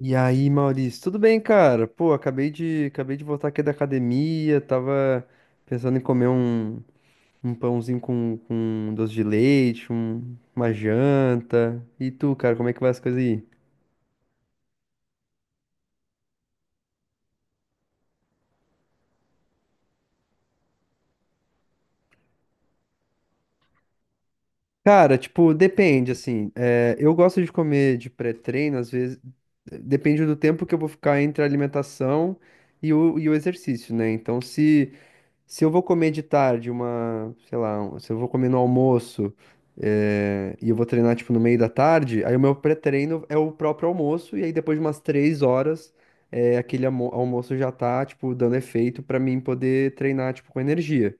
E aí, Maurício, tudo bem, cara? Pô, acabei de voltar aqui da academia, tava pensando em comer um pãozinho com doce de leite, uma janta. E tu, cara, como é que vai as coisas aí? Cara, tipo, depende, assim. Eu gosto de comer de pré-treino, às vezes. Depende do tempo que eu vou ficar entre a alimentação e o exercício, né? Então, se eu vou comer de tarde sei lá, se eu vou comer no almoço, e eu vou treinar tipo no meio da tarde, aí o meu pré-treino é o próprio almoço, e aí depois de umas 3 horas, aquele almoço já tá, tipo, dando efeito pra mim poder treinar, tipo, com energia.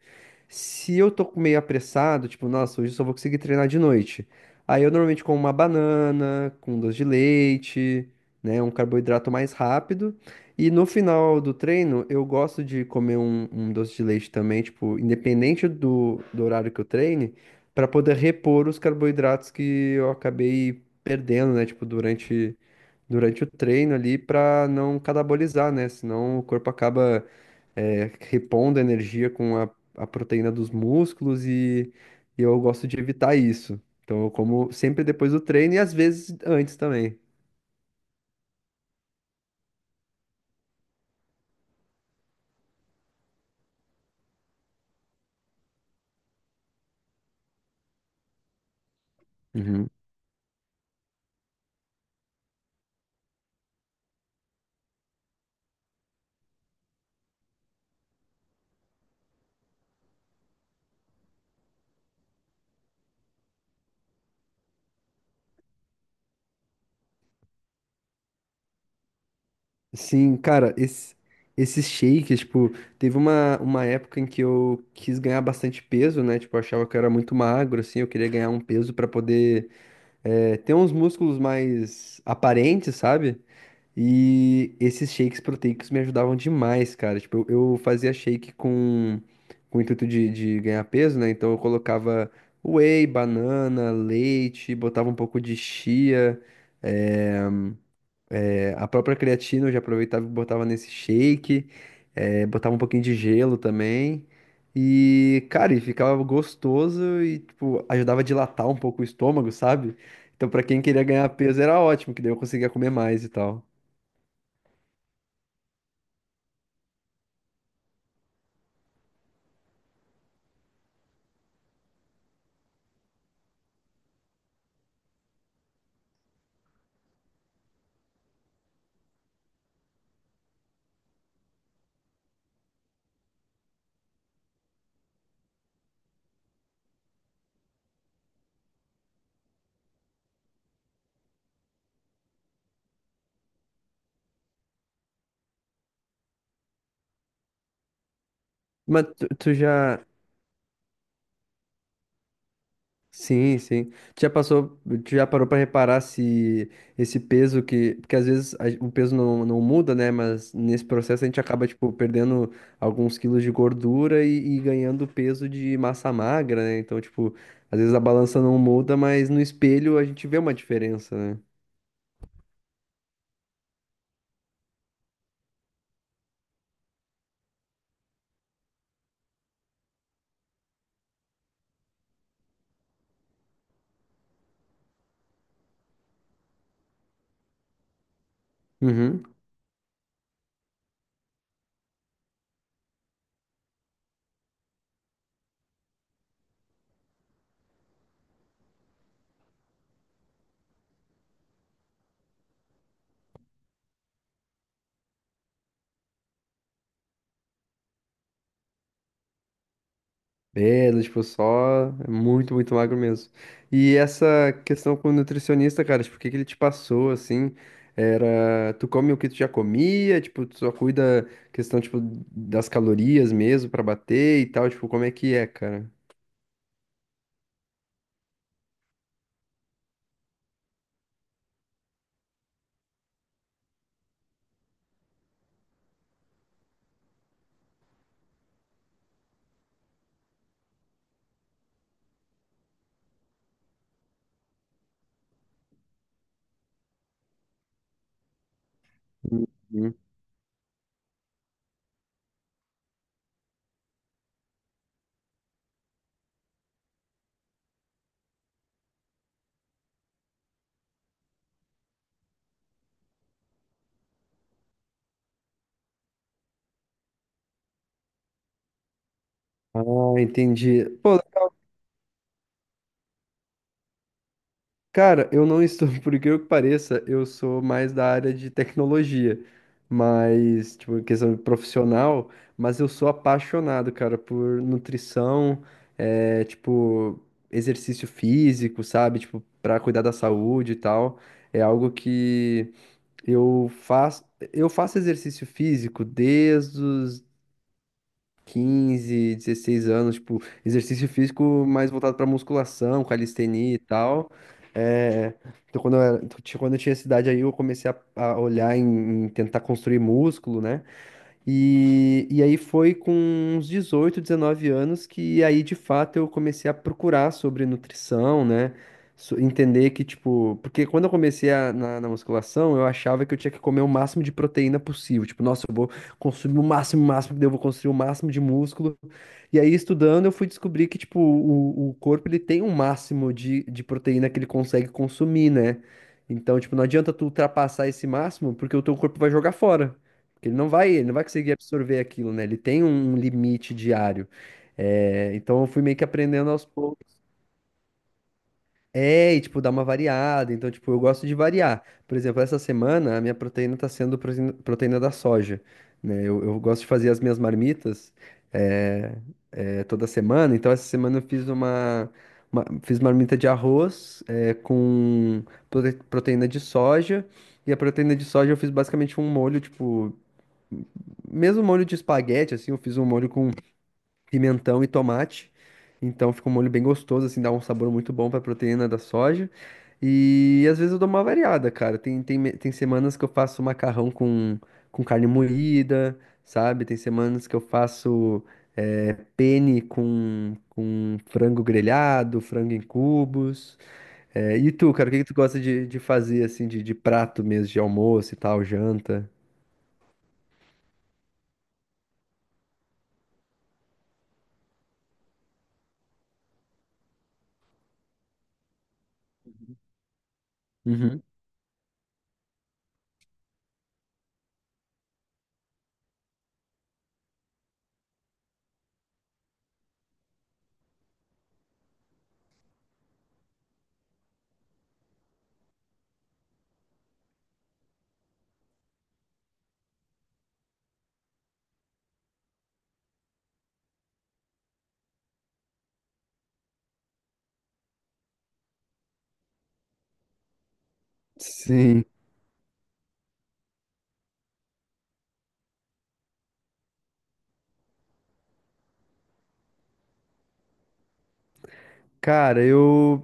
Se eu tô meio apressado, tipo, nossa, hoje eu só vou conseguir treinar de noite. Aí eu normalmente como uma banana, com um doce de leite, né, um carboidrato mais rápido. E no final do treino, eu gosto de comer um doce de leite também, tipo, independente do horário que eu treine, para poder repor os carboidratos que eu acabei perdendo, né? Tipo, durante o treino ali, para não catabolizar, né? Senão o corpo acaba repondo a energia com a proteína dos músculos e eu gosto de evitar isso. Então eu como sempre depois do treino e às vezes antes também. Uhum. Sim, cara, esses shakes, tipo, teve uma época em que eu quis ganhar bastante peso, né? Tipo, eu achava que eu era muito magro, assim, eu queria ganhar um peso pra poder ter uns músculos mais aparentes, sabe? E esses shakes proteicos me ajudavam demais, cara. Tipo, eu fazia shake com o intuito de ganhar peso, né? Então eu colocava whey, banana, leite, botava um pouco de chia. eh, A própria creatina eu já aproveitava e botava nesse shake, botava um pouquinho de gelo também. E, cara, e ficava gostoso e, tipo, ajudava a dilatar um pouco o estômago, sabe? Então, pra quem queria ganhar peso era ótimo, que daí eu conseguia comer mais e tal. Mas tu, tu já, Sim, sim. Tu Já passou, tu já parou pra reparar se esse peso que, porque às vezes o peso não muda, né? Mas nesse processo a gente acaba tipo perdendo alguns quilos de gordura e ganhando peso de massa magra, né? Então, tipo, às vezes a balança não muda, mas no espelho a gente vê uma diferença, né? Uhum. É, do tipo, só é muito, muito magro mesmo. E essa questão com o nutricionista, cara, tipo, o que que ele te passou, assim, era, tu come o que tu já comia, tipo, tu só cuida questão, tipo, das calorias mesmo pra bater e tal, tipo, como é que é, cara? Uhum. Ah, entendi. Pô, cara, eu não estou, por incrível que pareça, eu sou mais da área de tecnologia, mas, tipo, em questão de profissional, mas eu sou apaixonado, cara, por nutrição, tipo, exercício físico, sabe? Tipo, pra cuidar da saúde e tal. É algo que eu faço, eu faço exercício físico desde os 15, 16 anos, tipo, exercício físico mais voltado pra musculação, calistenia e tal. É, então, quando eu tinha essa idade aí, eu comecei a olhar em tentar construir músculo, né? E aí foi com uns 18, 19 anos que aí de fato eu comecei a procurar sobre nutrição, né? Entender que, tipo, porque quando eu comecei na musculação, eu achava que eu tinha que comer o máximo de proteína possível. Tipo, nossa, eu vou consumir o máximo, daí eu vou construir o máximo de músculo. E aí, estudando, eu fui descobrir que, tipo, o corpo ele tem um máximo de proteína que ele consegue consumir, né? Então, tipo, não adianta tu ultrapassar esse máximo, porque o teu corpo vai jogar fora. Porque ele não vai conseguir absorver aquilo, né? Ele tem um limite diário. É, então eu fui meio que aprendendo aos poucos. É, e tipo, dar uma variada. Então, tipo, eu gosto de variar. Por exemplo, essa semana a minha proteína tá sendo proteína da soja, né? Eu gosto de fazer as minhas marmitas é, toda semana. Então, essa semana eu fiz marmita de arroz com proteína de soja. E a proteína de soja eu fiz basicamente um molho, tipo mesmo molho de espaguete, assim, eu fiz um molho com pimentão e tomate. Então fica um molho bem gostoso, assim, dá um sabor muito bom pra proteína da soja. E às vezes eu dou uma variada, cara. Tem semanas que eu faço macarrão com carne moída, sabe? Tem semanas que eu faço penne com frango grelhado, frango em cubos. É, e tu, cara, o que que tu gosta de fazer, assim, de prato mesmo, de almoço e tal, janta? Uhum. Sim. Cara, eu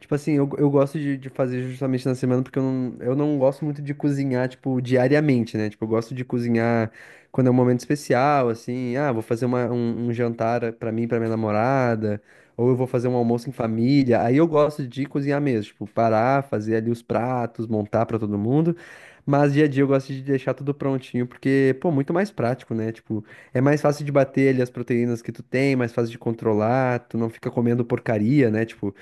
tipo assim, eu gosto de fazer justamente na semana porque eu não gosto muito de cozinhar, tipo, diariamente, né? Tipo, eu gosto de cozinhar quando é um momento especial, assim, ah, vou fazer um jantar pra mim, e pra minha namorada, ou eu vou fazer um almoço em família. Aí eu gosto de cozinhar mesmo, tipo, parar, fazer ali os pratos, montar pra todo mundo. Mas dia a dia eu gosto de deixar tudo prontinho, porque, pô, muito mais prático, né? Tipo, é mais fácil de bater ali as proteínas que tu tem, mais fácil de controlar, tu não fica comendo porcaria, né? Tipo,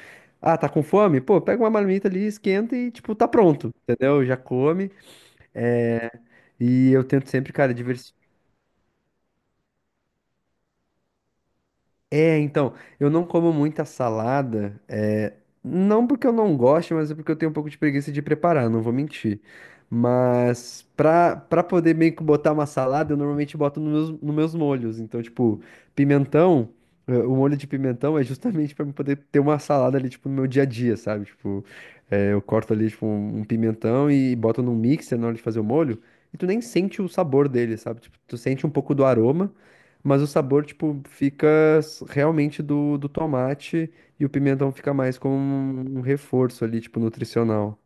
ah, tá com fome? Pô, pega uma marmita ali, esquenta e, tipo, tá pronto, entendeu? Já come. E eu tento sempre, cara. É, então, eu não como muita salada, não porque eu não gosto, mas é porque eu tenho um pouco de preguiça de preparar, não vou mentir. Mas pra poder meio que botar uma salada, eu normalmente boto nos meus molhos. Então, tipo, pimentão, o molho de pimentão é justamente pra eu poder ter uma salada ali, tipo, no meu dia a dia, sabe? Tipo, eu corto ali, tipo, um pimentão e boto num mixer na hora de fazer o molho, e tu nem sente o sabor dele, sabe? Tipo, tu sente um pouco do aroma. Mas o sabor, tipo, fica realmente do tomate e o pimentão fica mais como um reforço ali, tipo, nutricional.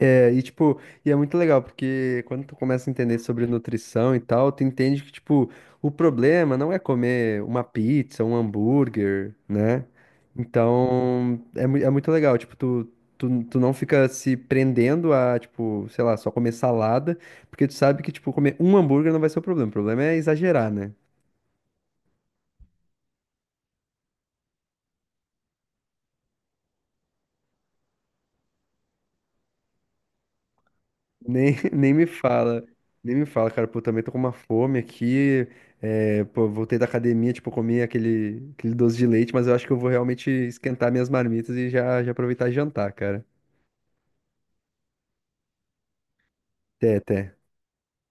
É, e tipo, e é muito legal, porque quando tu começa a entender sobre nutrição e tal, tu entende que, tipo, o problema não é comer uma pizza, um hambúrguer, né? Então, é muito legal, tipo, tu não fica se prendendo a, tipo, sei lá, só comer salada, porque tu sabe que, tipo, comer um hambúrguer não vai ser o problema é exagerar, né? Nem, nem me fala, cara, pô, também tô com uma fome aqui, pô, voltei da academia, tipo, comi aquele doce de leite, mas eu acho que eu vou realmente esquentar minhas marmitas e já, já aproveitar e jantar, cara. Até, até.